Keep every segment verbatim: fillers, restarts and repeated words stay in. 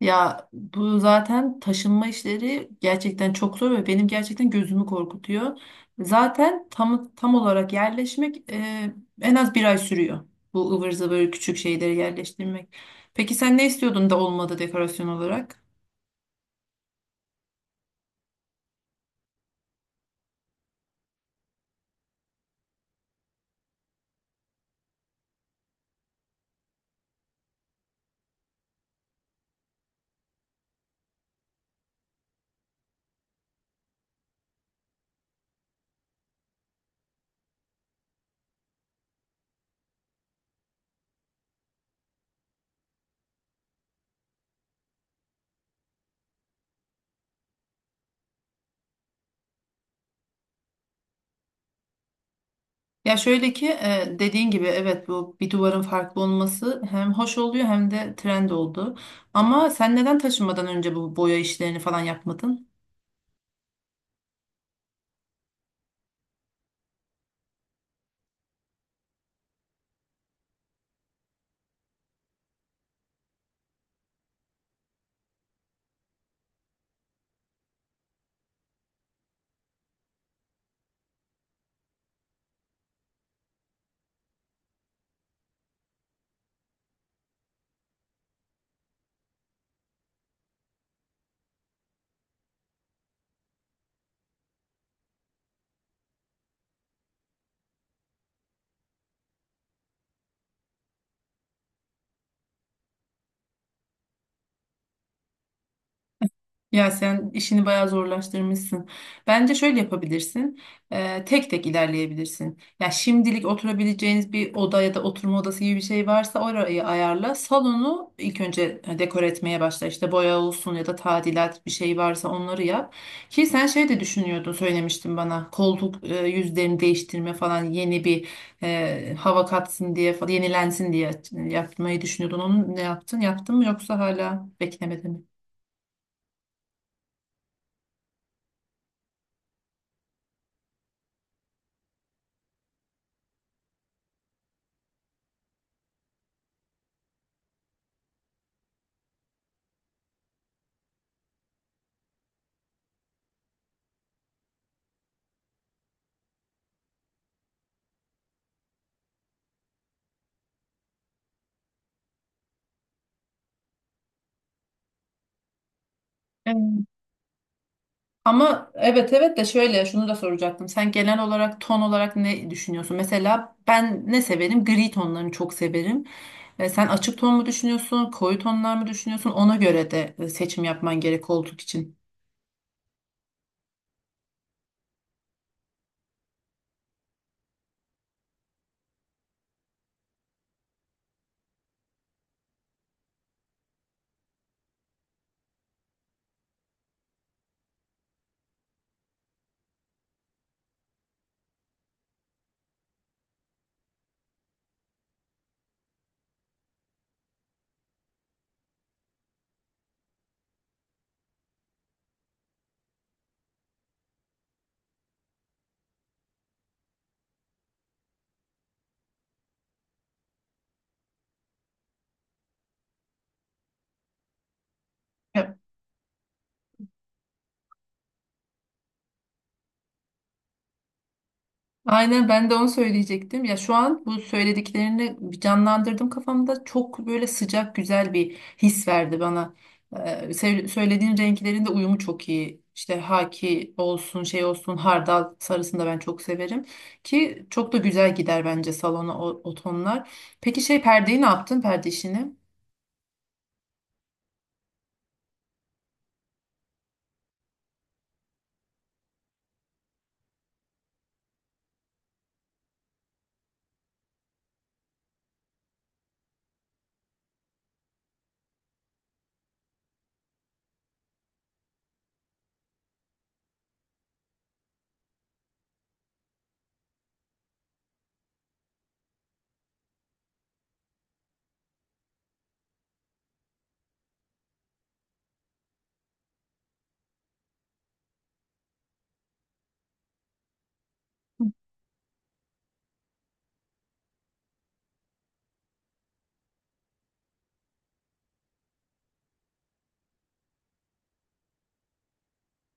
Ya bu zaten taşınma işleri gerçekten çok zor ve benim gerçekten gözümü korkutuyor. Zaten tam tam olarak yerleşmek e, en az bir ay sürüyor. Bu ıvır zıvır küçük şeyleri yerleştirmek. Peki sen ne istiyordun da olmadı dekorasyon olarak? Ya şöyle ki e, dediğin gibi evet, bu bir duvarın farklı olması hem hoş oluyor hem de trend oldu. Ama sen neden taşınmadan önce bu boya işlerini falan yapmadın? Ya sen işini bayağı zorlaştırmışsın. Bence şöyle yapabilirsin. Eee, tek tek ilerleyebilirsin. Ya şimdilik oturabileceğiniz bir oda ya da oturma odası gibi bir şey varsa orayı ayarla. Salonu ilk önce dekor etmeye başla. İşte boya olsun ya da tadilat bir şey varsa onları yap. Ki sen şey de düşünüyordun, söylemiştin bana. Koltuk eee, yüzlerini değiştirme falan, yeni bir eee, hava katsın diye falan, yenilensin diye yapmayı düşünüyordun. Onu ne yaptın? Yaptın mı yoksa hala beklemedi mi? Evet. Ama evet evet, de şöyle şunu da soracaktım. Sen genel olarak ton olarak ne düşünüyorsun? Mesela ben ne severim? Gri tonlarını çok severim. E, sen açık ton mu düşünüyorsun? Koyu tonlar mı düşünüyorsun? Ona göre de e, seçim yapman gerek koltuk için. Aynen, ben de onu söyleyecektim. Ya şu an bu söylediklerini canlandırdım kafamda. Çok böyle sıcak güzel bir his verdi bana. Ee, se- söylediğin renklerin de uyumu çok iyi. İşte haki olsun, şey olsun, hardal sarısını da ben çok severim. Ki çok da güzel gider bence salona o, o tonlar. Peki şey, perdeyi ne yaptın, perde işini?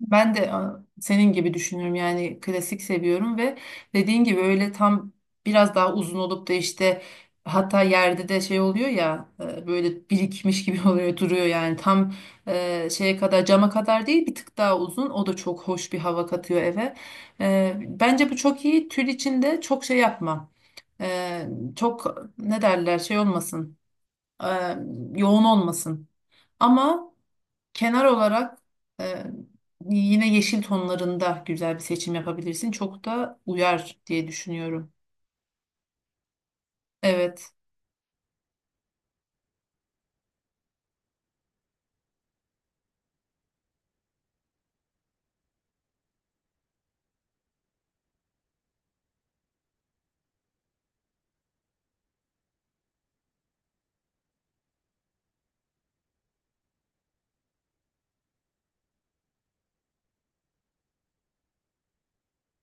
Ben de a, senin gibi düşünüyorum, yani klasik seviyorum ve dediğin gibi öyle tam biraz daha uzun olup da, işte hatta yerde de şey oluyor ya, e, böyle birikmiş gibi oluyor duruyor, yani tam e, şeye kadar, cama kadar değil, bir tık daha uzun, o da çok hoş bir hava katıyor eve. E, bence bu çok iyi. Tül içinde çok şey yapma. E, Çok ne derler, şey olmasın. E, Yoğun olmasın ama... Kenar olarak e, yine yeşil tonlarında güzel bir seçim yapabilirsin. Çok da uyar diye düşünüyorum. Evet.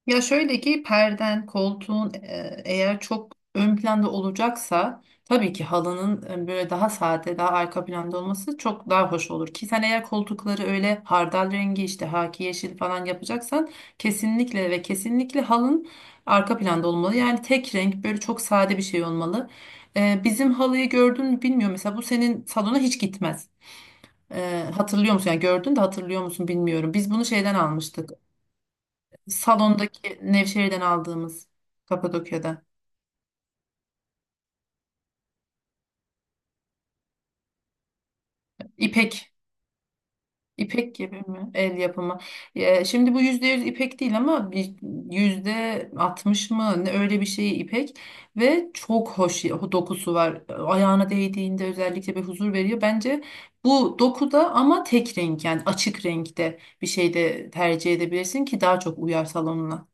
Ya şöyle ki, perden, koltuğun e, eğer çok ön planda olacaksa, tabii ki halının e, böyle daha sade, daha arka planda olması çok daha hoş olur. Ki sen eğer koltukları öyle hardal rengi, işte haki yeşil falan yapacaksan, kesinlikle ve kesinlikle halın arka planda olmalı. Yani tek renk, böyle çok sade bir şey olmalı. E, bizim halıyı gördün mü bilmiyorum. Mesela bu senin salona hiç gitmez. E, hatırlıyor musun? Yani gördün de hatırlıyor musun bilmiyorum. Biz bunu şeyden almıştık. Salondaki, Nevşehir'den aldığımız, Kapadokya'da. İpek. İpek gibi mi? El yapımı. Ya, şimdi bu yüzde yüz ipek değil ama bir yüzde altmış mı ne, öyle bir şey ipek, ve çok hoş ya- dokusu var. Ayağına değdiğinde özellikle bir huzur veriyor. Bence bu dokuda, ama tek renk, yani açık renkte bir şey de tercih edebilirsin, ki daha çok uyar salonuna.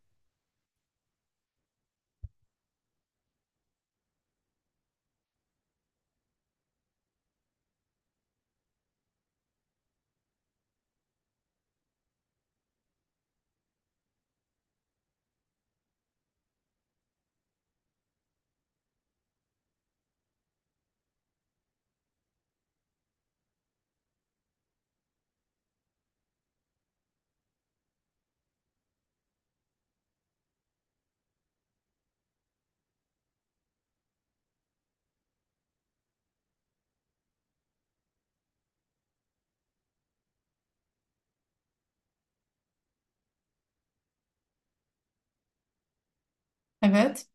Evet.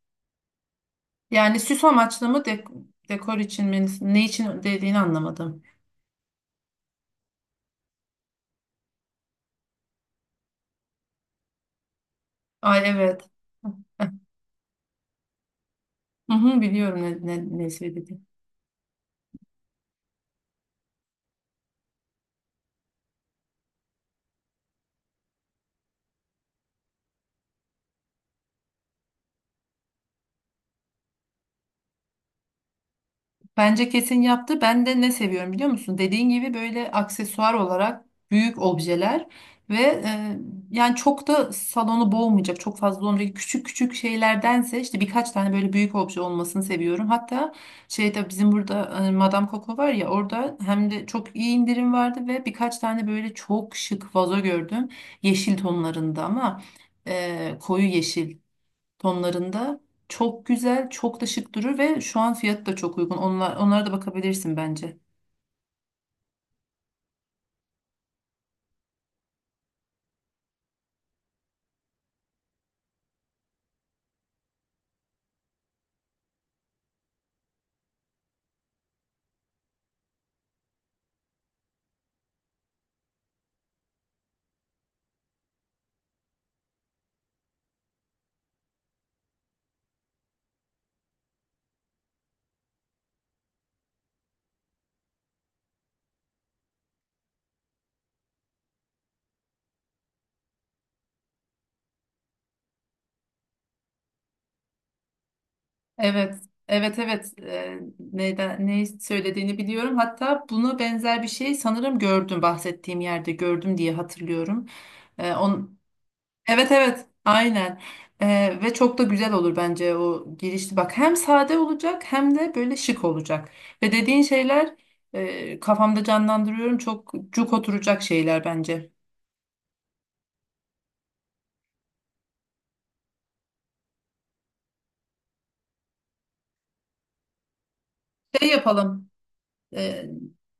Yani süs amaçlı mı, dek- dekor için mi, ne için dediğini anlamadım. Ay evet. Hı hı, biliyorum ne, ne, ne söyledi. Bence kesin yaptı. Ben de ne seviyorum biliyor musun? Dediğin gibi böyle aksesuar olarak büyük objeler ve e, yani çok da salonu boğmayacak, çok fazla olmayacak küçük küçük şeylerdense, işte birkaç tane böyle büyük obje olmasını seviyorum. Hatta şeyde, bizim burada e, Madame Coco var ya, orada hem de çok iyi indirim vardı ve birkaç tane böyle çok şık vazo gördüm. Yeşil tonlarında, ama e, koyu yeşil tonlarında. Çok güzel, çok da şık durur ve şu an fiyatı da çok uygun. Onlar, onlara da bakabilirsin bence. Evet, evet, evet. Ee, neyden, ne söylediğini biliyorum. Hatta buna benzer bir şey sanırım gördüm, bahsettiğim yerde gördüm diye hatırlıyorum. Ee, on, evet, evet, aynen. Ee, ve çok da güzel olur bence o girişli. Bak, hem sade olacak hem de böyle şık olacak. Ve dediğin şeyler e, kafamda canlandırıyorum. Çok cuk oturacak şeyler bence. Şey yapalım. E,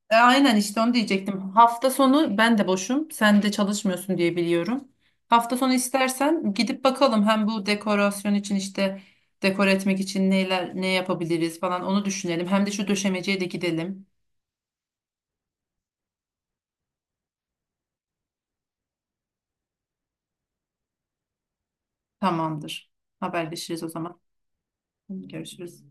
e, aynen, işte onu diyecektim. Hafta sonu ben de boşum. Sen de çalışmıyorsun diye biliyorum. Hafta sonu istersen gidip bakalım, hem bu dekorasyon için, işte dekor etmek için neler, ne yapabiliriz falan, onu düşünelim. Hem de şu döşemeciye de gidelim. Tamamdır. Haberleşiriz o zaman. Görüşürüz.